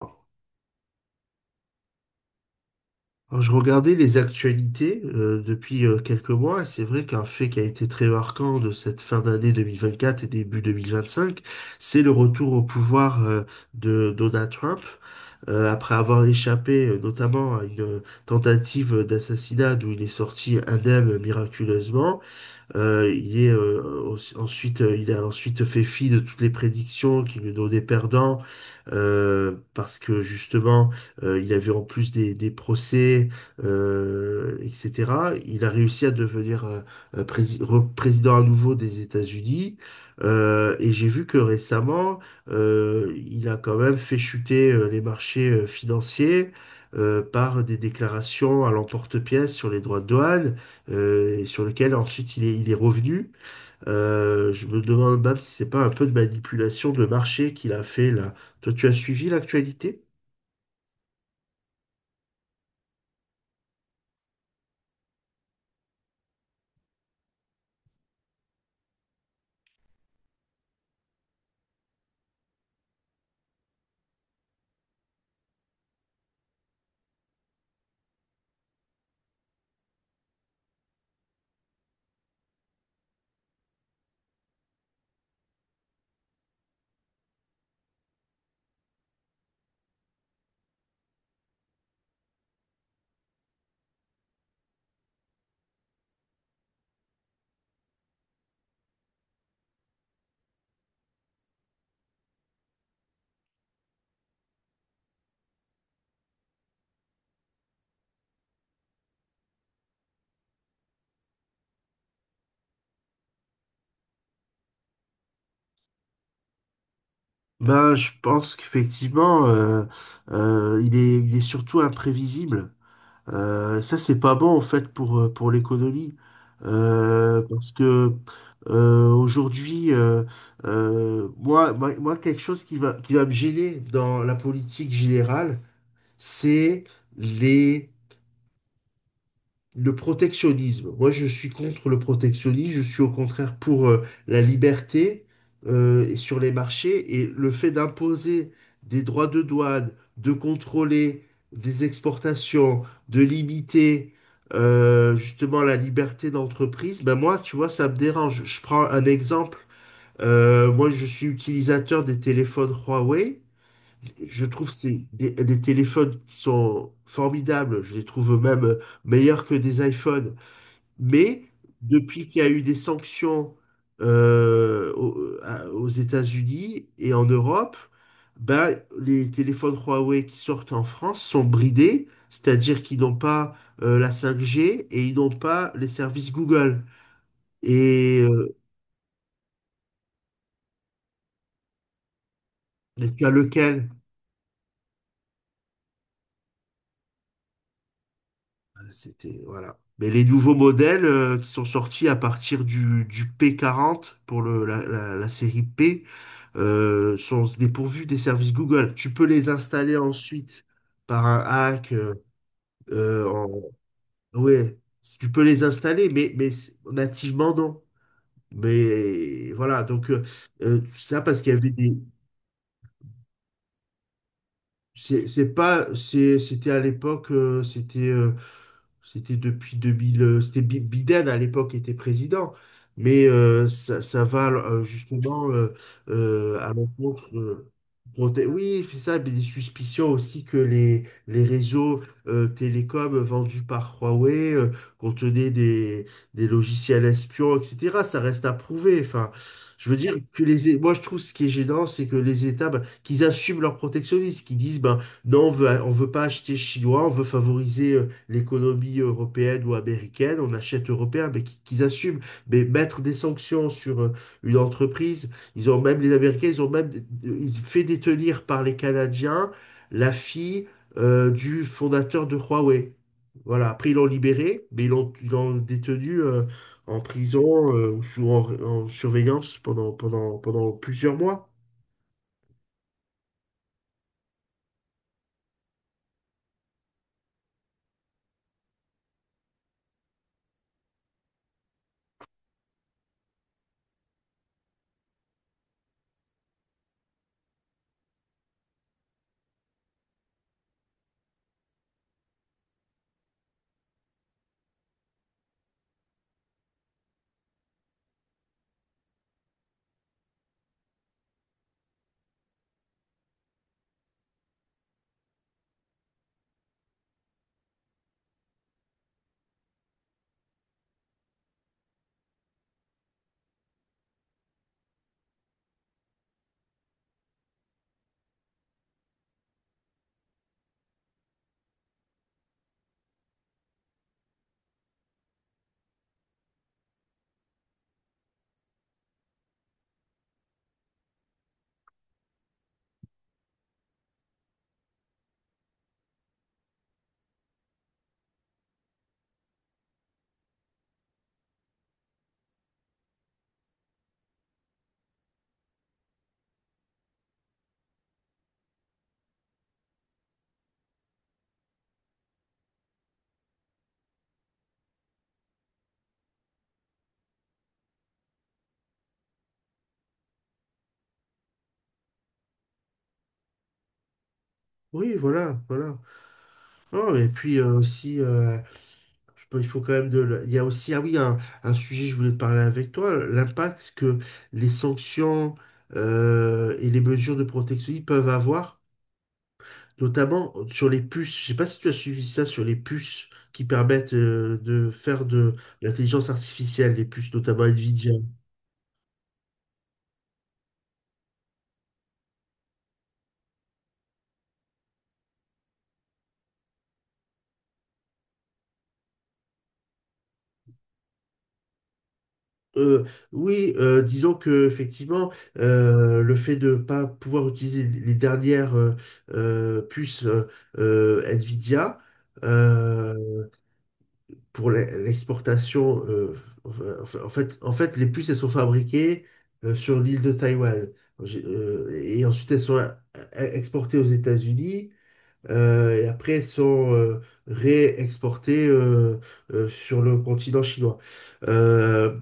Alors, je regardais les actualités depuis quelques mois, et c'est vrai qu'un fait qui a été très marquant de cette fin d'année 2024 et début 2025, c'est le retour au pouvoir de Donald Trump après avoir échappé notamment à une tentative d'assassinat d'où il est sorti indemne miraculeusement. Ensuite, il a ensuite fait fi de toutes les prédictions qui lui donnaient perdant, parce que justement, il avait en plus des procès, etc. Il a réussi à devenir président à nouveau des États-Unis. Et j'ai vu que récemment, il a quand même fait chuter les marchés financiers par des déclarations à l'emporte-pièce sur les droits de douane et sur lequel ensuite il est revenu. Je me demande même si c'est pas un peu de manipulation de marché qu'il a fait là. Toi, tu as suivi l'actualité? Ben, je pense qu'effectivement, il est surtout imprévisible. Ça, c'est pas bon en fait pour l'économie. Parce que aujourd'hui, moi, quelque chose qui va me gêner dans la politique générale, c'est les Le protectionnisme. Moi, je suis contre le protectionnisme. Je suis au contraire pour la liberté et sur les marchés, et le fait d'imposer des droits de douane, de contrôler des exportations, de limiter justement la liberté d'entreprise. Ben moi, tu vois, ça me dérange. Je prends un exemple. Moi, je suis utilisateur des téléphones Huawei. Je trouve que c'est des téléphones qui sont formidables. Je les trouve même meilleurs que des iPhones. Mais depuis qu'il y a eu des sanctions aux États-Unis et en Europe, ben, les téléphones Huawei qui sortent en France sont bridés, c'est-à-dire qu'ils n'ont pas la 5G et ils n'ont pas les services Google. Et euh, et tu as lequel? Bah, c'était, voilà. Mais les nouveaux modèles qui sont sortis à partir du P40 pour la série P sont dépourvus des services Google. Tu peux les installer ensuite par un hack. Euh, en- Ouais, tu peux les installer, mais, nativement, non. Mais voilà, donc ça parce qu'il y avait des... c'est pas... c'est- C'était à l'époque, c'était depuis 2000, c'était Biden à l'époque était président, mais ça, ça va justement à l'encontre. Oui, c'est ça, mais des suspicions aussi que les réseaux télécoms vendus par Huawei contenaient des logiciels espions, etc. Ça reste à prouver. Enfin, je veux dire que moi je trouve ce qui est gênant, c'est que les États, ben, qu'ils assument leur protectionnisme, qu'ils disent, ben non, on veut pas acheter chinois, on veut favoriser l'économie européenne ou américaine, on achète européen, mais qu'ils assument. Mais mettre des sanctions sur une entreprise, ils ont même, les Américains, ils ont même ils fait détenir par les Canadiens la fille du fondateur de Huawei. Voilà, après ils l'ont libéré, mais ils l'ont détenue en prison ou sous, en surveillance pendant, pendant plusieurs mois. Oui, voilà, voilà. Non, et puis Je peux- il faut quand même de. Le- Il y a aussi, ah oui, un sujet, je voulais te parler avec toi, l'impact que les sanctions et les mesures de protection peuvent avoir, notamment sur les puces. Je sais pas si tu as suivi ça sur les puces qui permettent de faire de l'intelligence artificielle, les puces, notamment Nvidia. Euh, oui, disons que effectivement, le fait de ne pas pouvoir utiliser les dernières puces Nvidia euh, pour l'exportation. Enfin, en fait, les puces, elles sont fabriquées sur l'île de Taïwan. Et ensuite, elles sont exportées aux États-Unis. Et après, elles sont réexportées sur le continent chinois. Euh,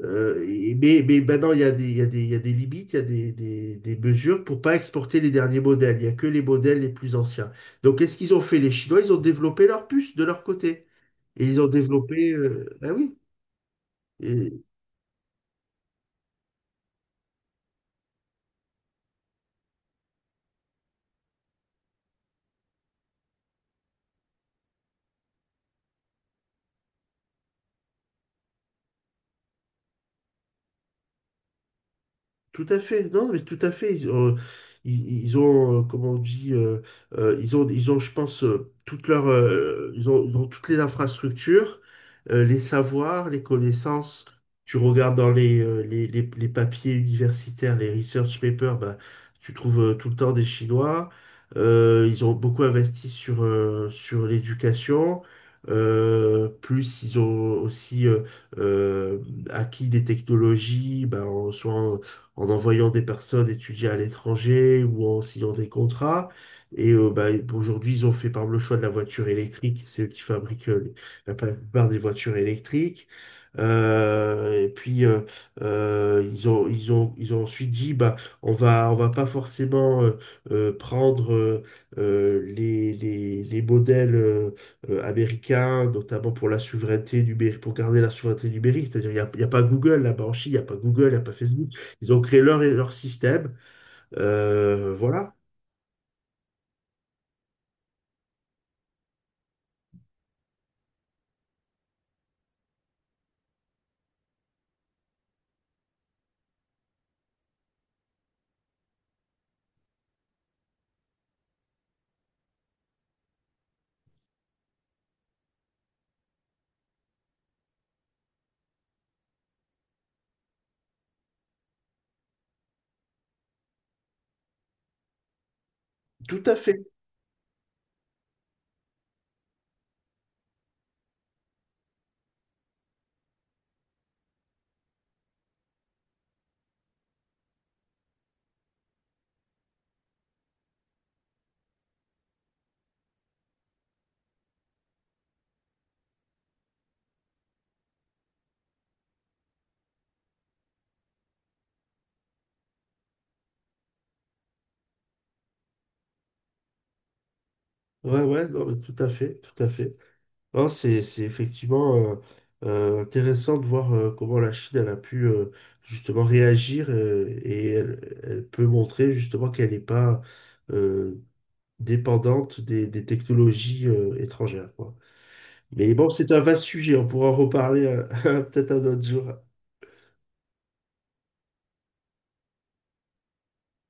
euh, mais maintenant, il y a il y a des limites, il y a des mesures pour pas exporter les derniers modèles. Il n'y a que les modèles les plus anciens. Donc, qu'est-ce qu'ils ont fait? Les Chinois, ils ont développé leur puce de leur côté. Et ils ont développé... Ah oui. Et, tout à fait, non, mais tout à fait. Ils, ont, ils ont, comment on dit, je pense, toutes leurs, ils ont toutes les infrastructures, les savoirs, les connaissances. Tu regardes dans les papiers universitaires, les research papers, bah, tu trouves tout le temps des Chinois. Ils ont beaucoup investi sur, sur l'éducation. Plus ils ont aussi euh, acquis des technologies, bah, en envoyant des personnes étudier à l'étranger ou en signant des contrats. Bah, aujourd'hui, ils ont fait par exemple le choix de la voiture électrique. C'est eux qui fabriquent la plupart des voitures électriques. Et puis ils ont ensuite dit bah on va pas forcément prendre les modèles américains, notamment pour la souveraineté numérique, pour garder la souveraineté numérique, c'est-à-dire il y a pas Google là-bas, en Chine il y a pas Google, il y a pas Facebook. Ils ont créé leur système. Voilà. Tout à fait. Ouais, ouais, non, mais tout à fait, tout à fait. Non, c'est effectivement intéressant de voir comment la Chine, elle a pu justement réagir, et elle, elle peut montrer justement qu'elle n'est pas euh, dépendante des technologies étrangères, quoi. Mais bon, c'est un vaste sujet, on pourra en reparler peut-être un autre jour.